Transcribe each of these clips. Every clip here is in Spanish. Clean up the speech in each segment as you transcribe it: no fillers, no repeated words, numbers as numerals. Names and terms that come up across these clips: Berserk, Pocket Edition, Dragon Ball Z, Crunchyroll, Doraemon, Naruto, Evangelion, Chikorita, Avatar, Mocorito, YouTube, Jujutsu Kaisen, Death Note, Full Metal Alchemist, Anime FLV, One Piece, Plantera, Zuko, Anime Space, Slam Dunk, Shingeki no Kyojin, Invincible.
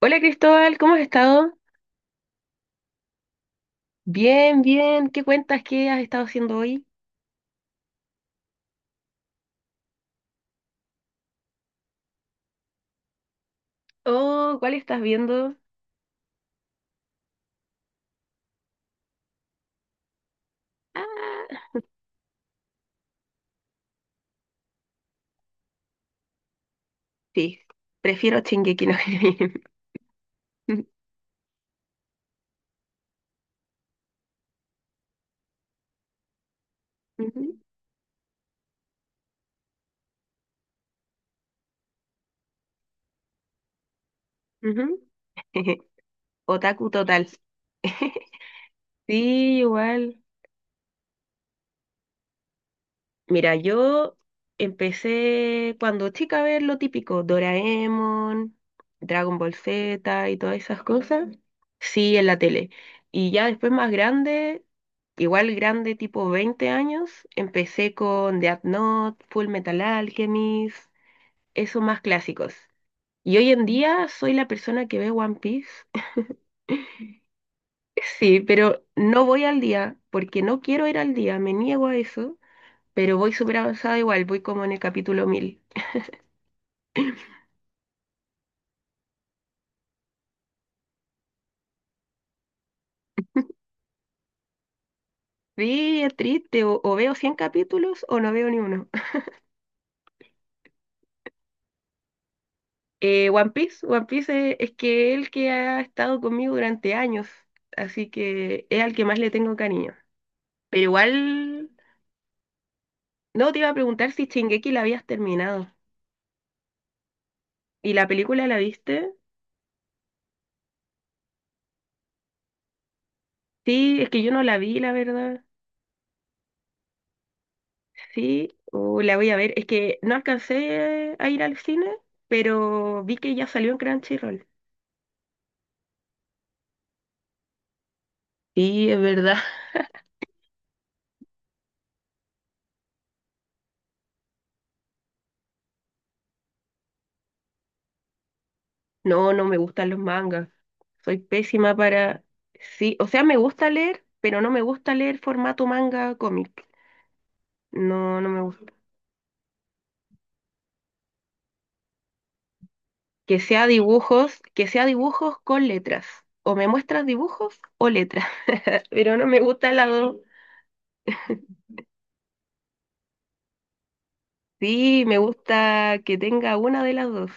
Hola Cristóbal, ¿cómo has estado? Bien, bien. ¿Qué cuentas? ¿Qué has estado haciendo hoy? Oh, ¿cuál estás viendo? Ah, sí. Prefiero Shingeki no Kyojin. Ujú, ujú. Otaku total. Sí, igual. Mira, yo empecé cuando chica a ver lo típico, Doraemon, Dragon Ball Z y todas esas cosas. Sí, en la tele. Y ya después más grande, igual grande, tipo 20 años, empecé con Death Note, Full Metal Alchemist, esos más clásicos. Y hoy en día soy la persona que ve One Piece. Sí, pero no voy al día porque no quiero ir al día, me niego a eso, pero voy súper avanzada igual, voy como en el capítulo 1000. Sí, es triste, o veo 100 capítulos o no veo ni uno. One Piece, One Piece es que el que ha estado conmigo durante años, así que es al que más le tengo cariño. Pero igual, no te iba a preguntar si Shingeki la habías terminado. ¿Y la película la viste? Sí, es que yo no la vi, la verdad. Sí, o la voy a ver. Es que no alcancé a ir al cine, pero vi que ya salió en Crunchyroll. Sí, es verdad. No, no me gustan los mangas. Soy pésima para... Sí, o sea, me gusta leer, pero no me gusta leer formato manga cómic. No, no me gusta. Que sea dibujos con letras. O me muestras dibujos o letras. Pero no me gusta las dos. Sí, me gusta que tenga una de las dos.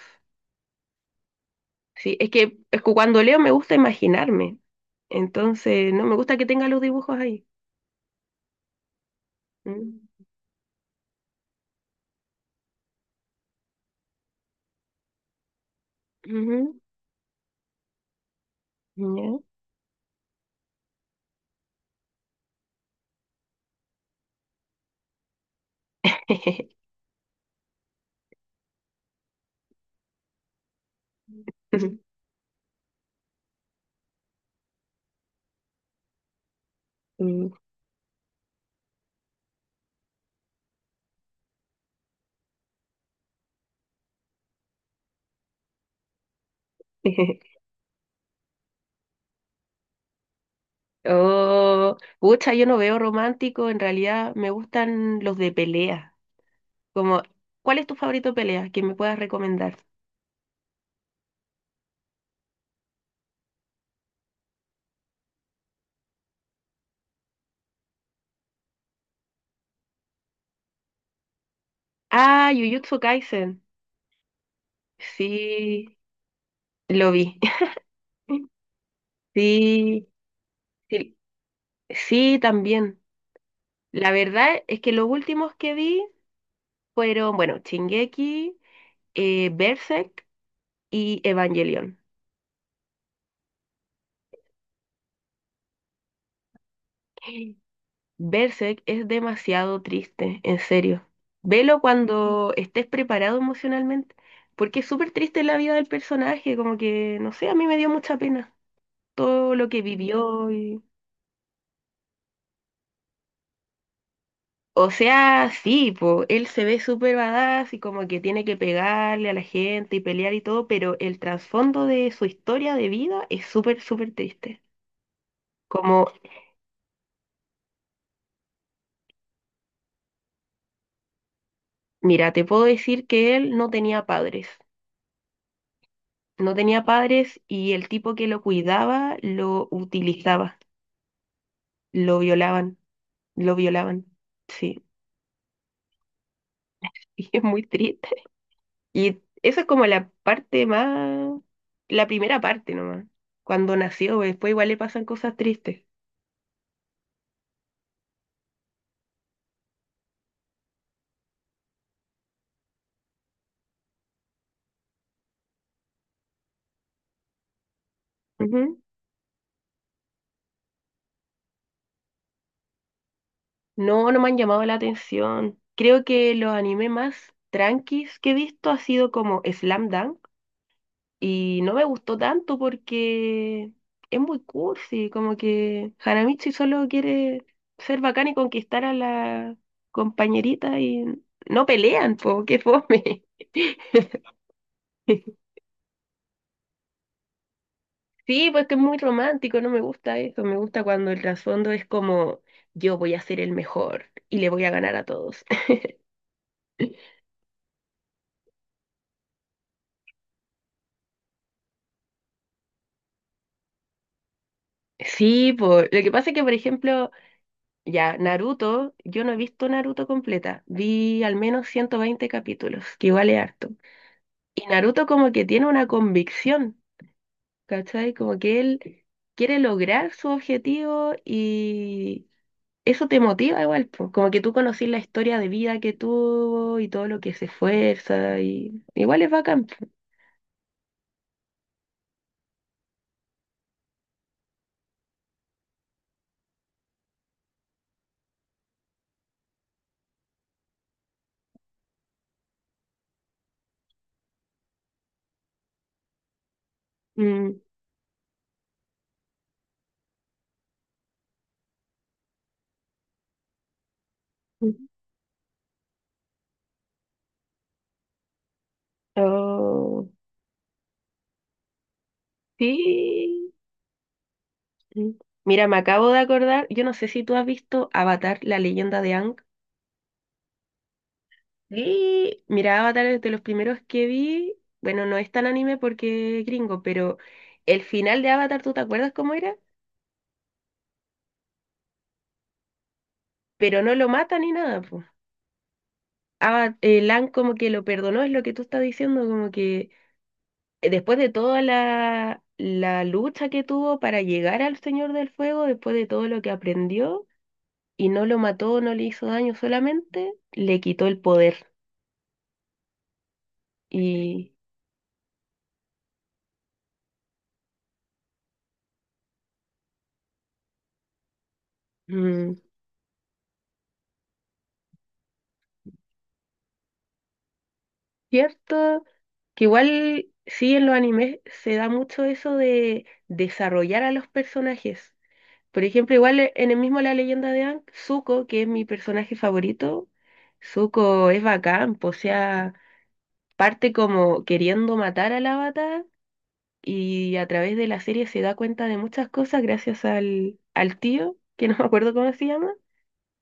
Sí, es que cuando leo me gusta imaginarme. Entonces, no me gusta que tenga los dibujos ahí. Mm. Ujú. Ya. Mm. Oh, pucha, yo no veo romántico, en realidad me gustan los de pelea. Como, ¿cuál es tu favorito de pelea que me puedas recomendar? Ah, Jujutsu Kaisen. Sí, lo vi. Sí, sí, sí, también. La verdad es que los últimos que vi fueron, bueno, Shingeki, Berserk y Evangelion. Berserk es demasiado triste, en serio. Velo cuando estés preparado emocionalmente, porque es súper triste la vida del personaje, como que, no sé, a mí me dio mucha pena todo lo que vivió y... O sea, sí, po, él se ve súper badass y como que tiene que pegarle a la gente y pelear y todo, pero el trasfondo de su historia de vida es súper, súper triste. Como, mira, te puedo decir que él no tenía padres. No tenía padres y el tipo que lo cuidaba lo utilizaba, lo violaban, lo violaban. Sí, y es muy triste. Y esa es como la primera parte nomás. Cuando nació, pues, después igual le pasan cosas tristes. Ujú. No, no me han llamado la atención. Creo que los animes más tranquis que he visto ha sido como Slam Dunk. Y no me gustó tanto porque es muy cursi, como que Hanamichi solo quiere ser bacán y conquistar a la compañerita y no pelean, po, qué fome. Sí, pues que es muy romántico, no me gusta eso, me gusta cuando el trasfondo es como yo voy a ser el mejor y le voy a ganar a todos. Sí, por lo que pasa es que, por ejemplo, ya Naruto, yo no he visto Naruto completa, vi al menos 120 capítulos, que igual es harto. Y Naruto como que tiene una convicción, ¿cachai? Como que él quiere lograr su objetivo y eso te motiva igual, po. Como que tú conocís la historia de vida que tuvo y todo lo que se esfuerza y igual es bacán, po. Mm. Oh, sí. Mm. Mira, me acabo de acordar, yo no sé si tú has visto Avatar, la leyenda de Ang. Sí, mira, Avatar es de los primeros que vi. Bueno, no es tan anime porque es gringo, pero el final de Avatar, ¿tú te acuerdas cómo era? Pero no lo mata ni nada, pues. Aang como que lo perdonó, es lo que tú estás diciendo, como que después de toda la lucha que tuvo para llegar al Señor del Fuego, después de todo lo que aprendió, y no lo mató, no le hizo daño, solamente le quitó el poder. Y mm, cierto, que igual sí en los animes se da mucho eso de desarrollar a los personajes. Por ejemplo, igual en el mismo La Leyenda de Aang, Zuko, que es mi personaje favorito, Zuko es bacán, po, o sea, parte como queriendo matar al avatar y a través de la serie se da cuenta de muchas cosas gracias al tío, que no me acuerdo cómo se llama,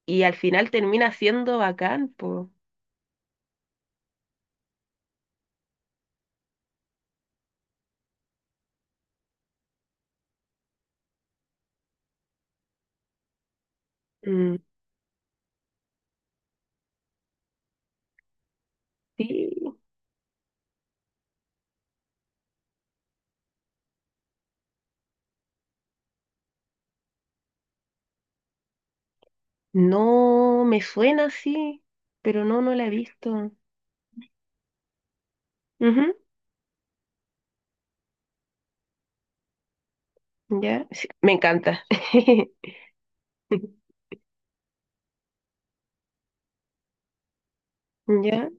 y al final termina siendo bacán, pues. No me suena así, pero no, no la he visto. Ujú, ya, sí, me encanta. Ya.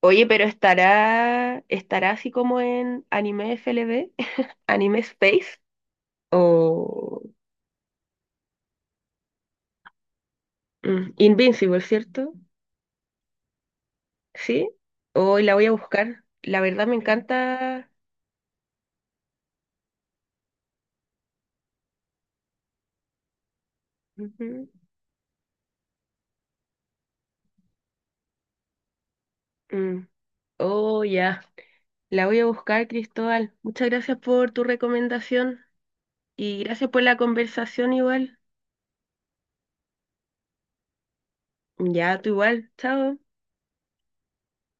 Oye, pero estará así como en Anime FLV, Anime Space o Invincible, ¿cierto? Sí. Hoy la voy a buscar. La verdad me encanta. Ujú, mm. Oh, ya. La voy a buscar, Cristóbal. Muchas gracias por tu recomendación y gracias por la conversación igual. Ya, tú igual. Chao.